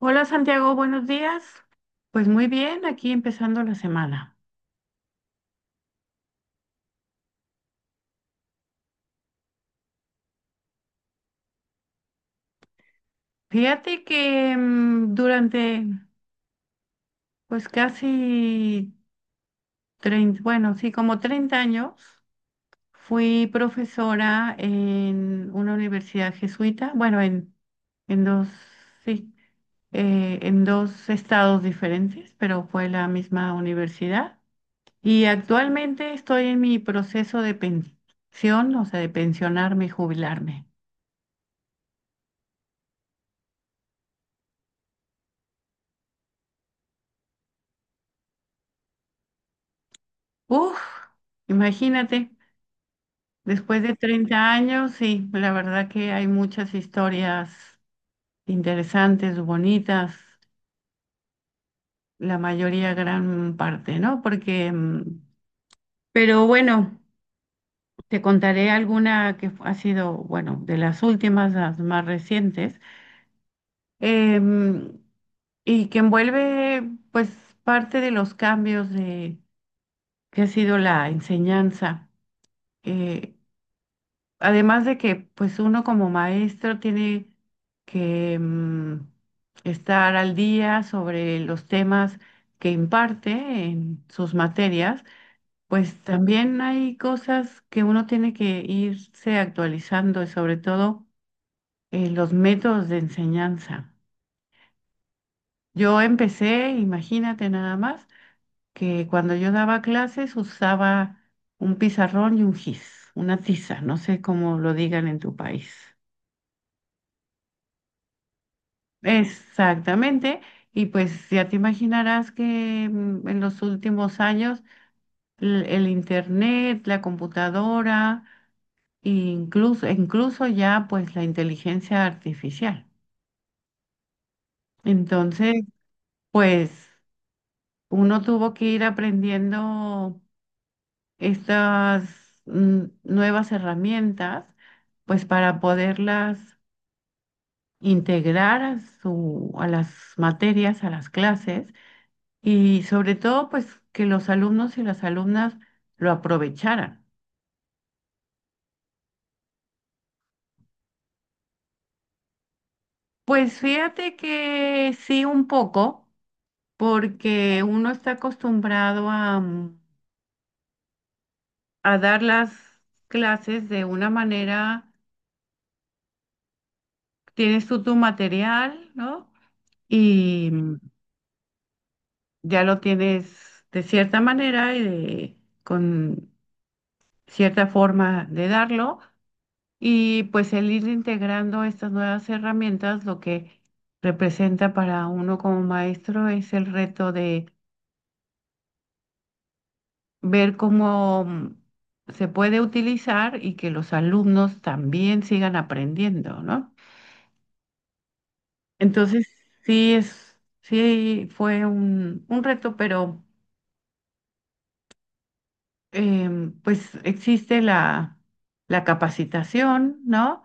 Hola Santiago, buenos días. Pues muy bien, aquí empezando la semana. Fíjate que durante pues casi 30, bueno, sí, como 30 años fui profesora en una universidad jesuita, bueno, en dos, sí, en dos estados diferentes, pero fue la misma universidad. Y actualmente estoy en mi proceso de pensión, o sea, de pensionarme y jubilarme. Uf, imagínate, después de 30 años, sí, la verdad que hay muchas historias interesantes, bonitas, la mayoría, gran parte, ¿no? Porque, pero bueno, te contaré alguna que ha sido, bueno, de las últimas, las más recientes, em, y que envuelve, pues, parte de los cambios de, que ha sido la enseñanza. eh, Además de que, pues uno como maestro tiene que estar al día sobre los temas que imparte en sus materias, pues también hay cosas que uno tiene que irse actualizando y sobre todo los métodos de enseñanza. Yo empecé, imagínate nada más, que cuando yo daba clases usaba un pizarrón y un gis, una tiza, no sé cómo lo digan en tu país. Exactamente, y pues ya te imaginarás que en los últimos años internet, la computadora, e incluso, incluso ya pues la inteligencia artificial. Entonces, pues uno tuvo que ir aprendiendo estas nuevas herramientas pues para poderlas integrar a su, a las materias, a las clases y sobre todo pues que los alumnos y las alumnas lo aprovecharan. Pues fíjate que sí un poco, porque uno está acostumbrado a, a dar las clases de una manera, tienes tú tu material, ¿no? Y ya lo tienes de cierta manera y con cierta forma de darlo. Y pues el ir integrando estas nuevas herramientas, lo que representa para uno como maestro es el reto de ver cómo se puede utilizar y que los alumnos también sigan aprendiendo, ¿no? Entonces, sí fue un reto, pero pues existe la capacitación, ¿no?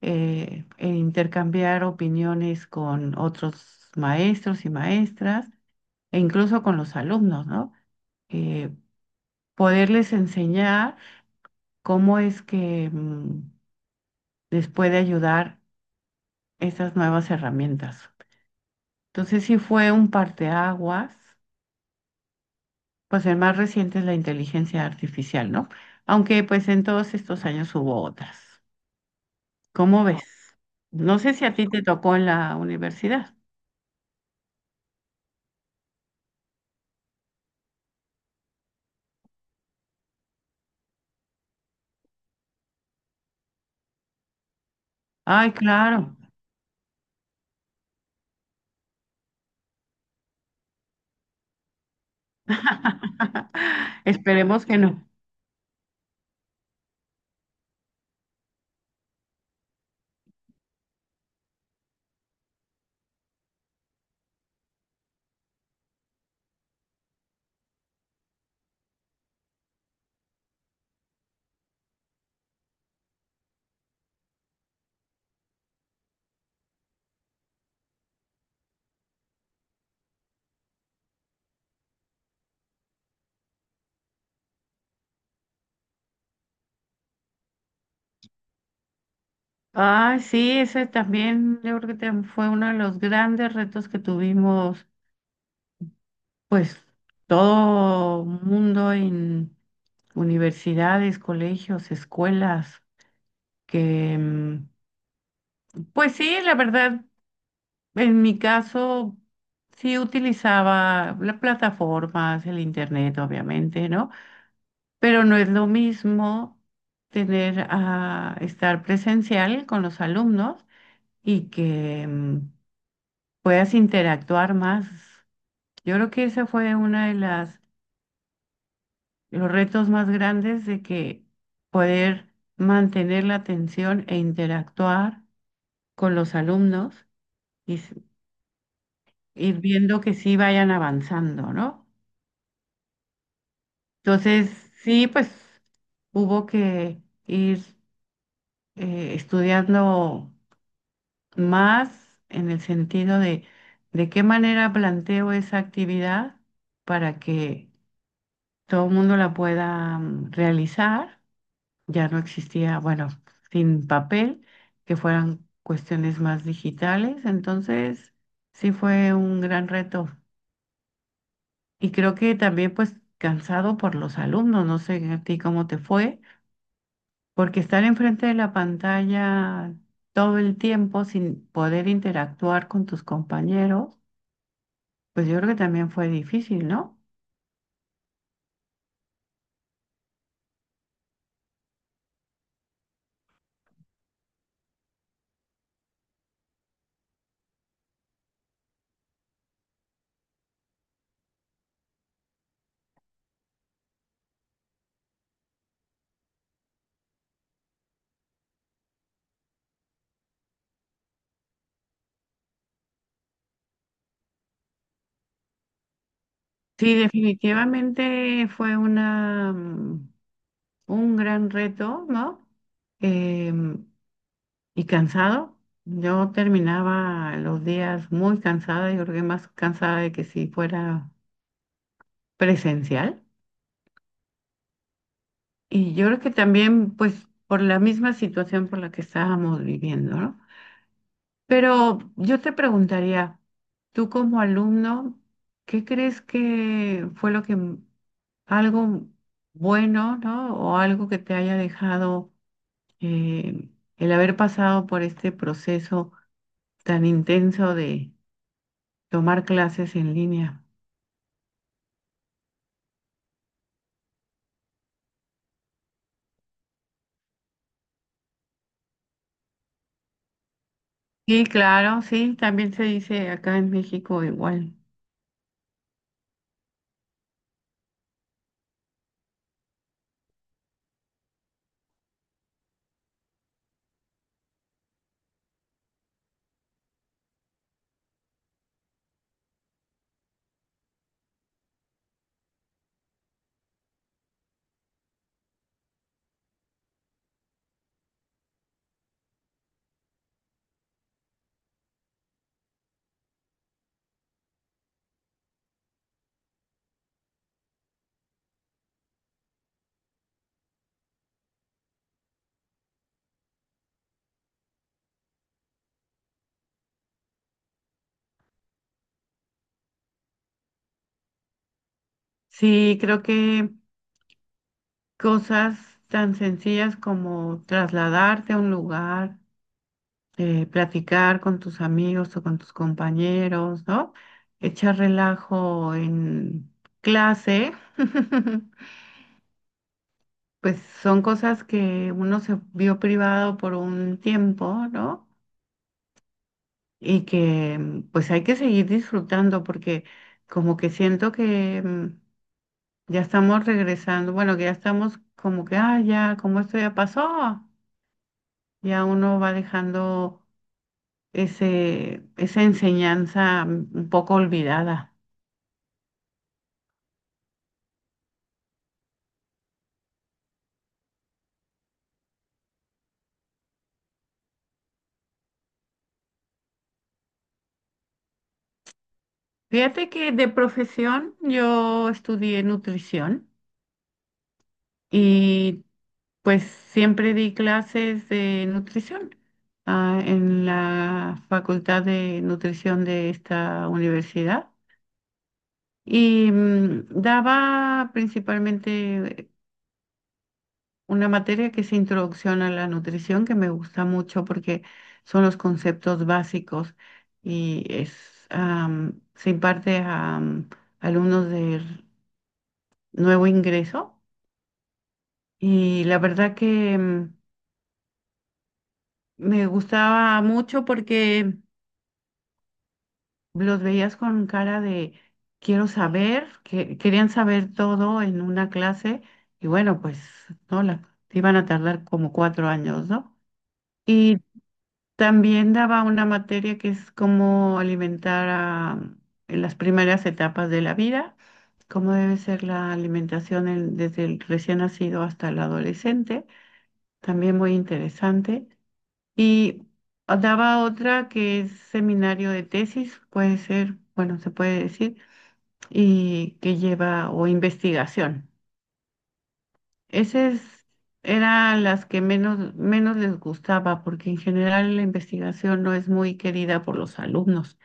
E intercambiar opiniones con otros maestros y maestras e incluso con los alumnos, ¿no? Eh, Poderles enseñar cómo es que les puede ayudar estas nuevas herramientas. Entonces sí fue un parteaguas, pues el más reciente es la inteligencia artificial, ¿no? Aunque pues en todos estos años hubo otras. ¿Cómo ves? No sé si a ti te tocó en la universidad. Ay, claro. Esperemos que no. Ay, sí, ese también yo creo que fue uno de los grandes retos que tuvimos, pues todo mundo en universidades, colegios, escuelas, que pues sí, la verdad, en mi caso sí utilizaba las plataformas, el internet, obviamente, ¿no? Pero no es lo mismo tener a estar presencial con los alumnos y que puedas interactuar más. Yo creo que ese fue uno de los retos más grandes de que poder mantener la atención e interactuar con los alumnos y ir viendo que sí vayan avanzando, ¿no? Entonces, sí, pues hubo que ir estudiando más en el sentido de qué manera planteo esa actividad para que todo el mundo la pueda realizar. Ya no existía, bueno, sin papel, que fueran cuestiones más digitales. Entonces, sí fue un gran reto. Y creo que también pues cansado por los alumnos, no sé a ti cómo te fue, porque estar enfrente de la pantalla todo el tiempo sin poder interactuar con tus compañeros. Pues yo creo que también fue difícil, ¿no? Sí, definitivamente fue una, un gran reto, ¿no? Em, y cansado. Yo terminaba los días muy cansada, yo creo que más cansada de que si fuera presencial. Y yo creo que también, pues, por la misma situación por la que estábamos viviendo, ¿no? Pero yo te preguntaría, tú como alumno, ¿qué crees que fue lo que algo bueno, ¿no? O algo que te haya dejado eh, el haber pasado por este proceso tan intenso de tomar clases en línea. Sí, claro, sí, también se dice acá en México igual. Sí, creo que cosas tan sencillas como trasladarte a un lugar platicar con tus amigos o con tus compañeros, ¿no? Echar relajo en clase, pues son cosas que uno se vio privado por un tiempo, ¿no? Y que pues hay que seguir disfrutando porque como que siento que ya estamos regresando, bueno, que ya estamos como que, ah, ya, como esto ya pasó, ya uno va dejando esa enseñanza un poco olvidada. Fíjate que de profesión yo estudié nutrición y pues siempre di clases de nutrición, ah, en la Facultad de Nutrición de esta universidad y daba principalmente una materia que es Introducción a la Nutrición que me gusta mucho porque son los conceptos básicos y es se imparte a alumnos de nuevo ingreso. Y la verdad que me gustaba mucho porque los veías con cara de quiero saber, que querían saber todo en una clase. Y bueno, pues no, la, iban a tardar como 4 años, ¿no? Y también daba una materia que es cómo alimentar a, en las primeras etapas de la vida, cómo debe ser la alimentación desde el recién nacido hasta el adolescente. También muy interesante. Y daba otra que es seminario de tesis, puede ser, bueno, se puede decir, y que lleva o investigación. Esas eran las que menos, menos les gustaba, porque en general la investigación no es muy querida por los alumnos.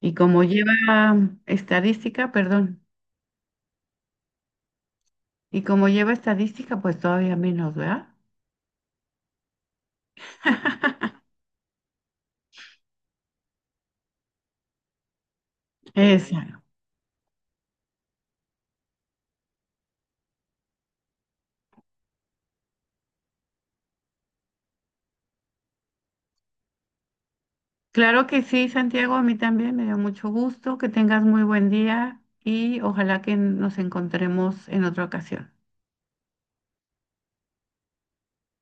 Y como lleva estadística, perdón, y como lleva estadística, pues todavía menos, ¿verdad? Esa, Claro que sí, Santiago, a mí también me dio mucho gusto, que tengas muy buen día y ojalá que nos encontremos en otra ocasión.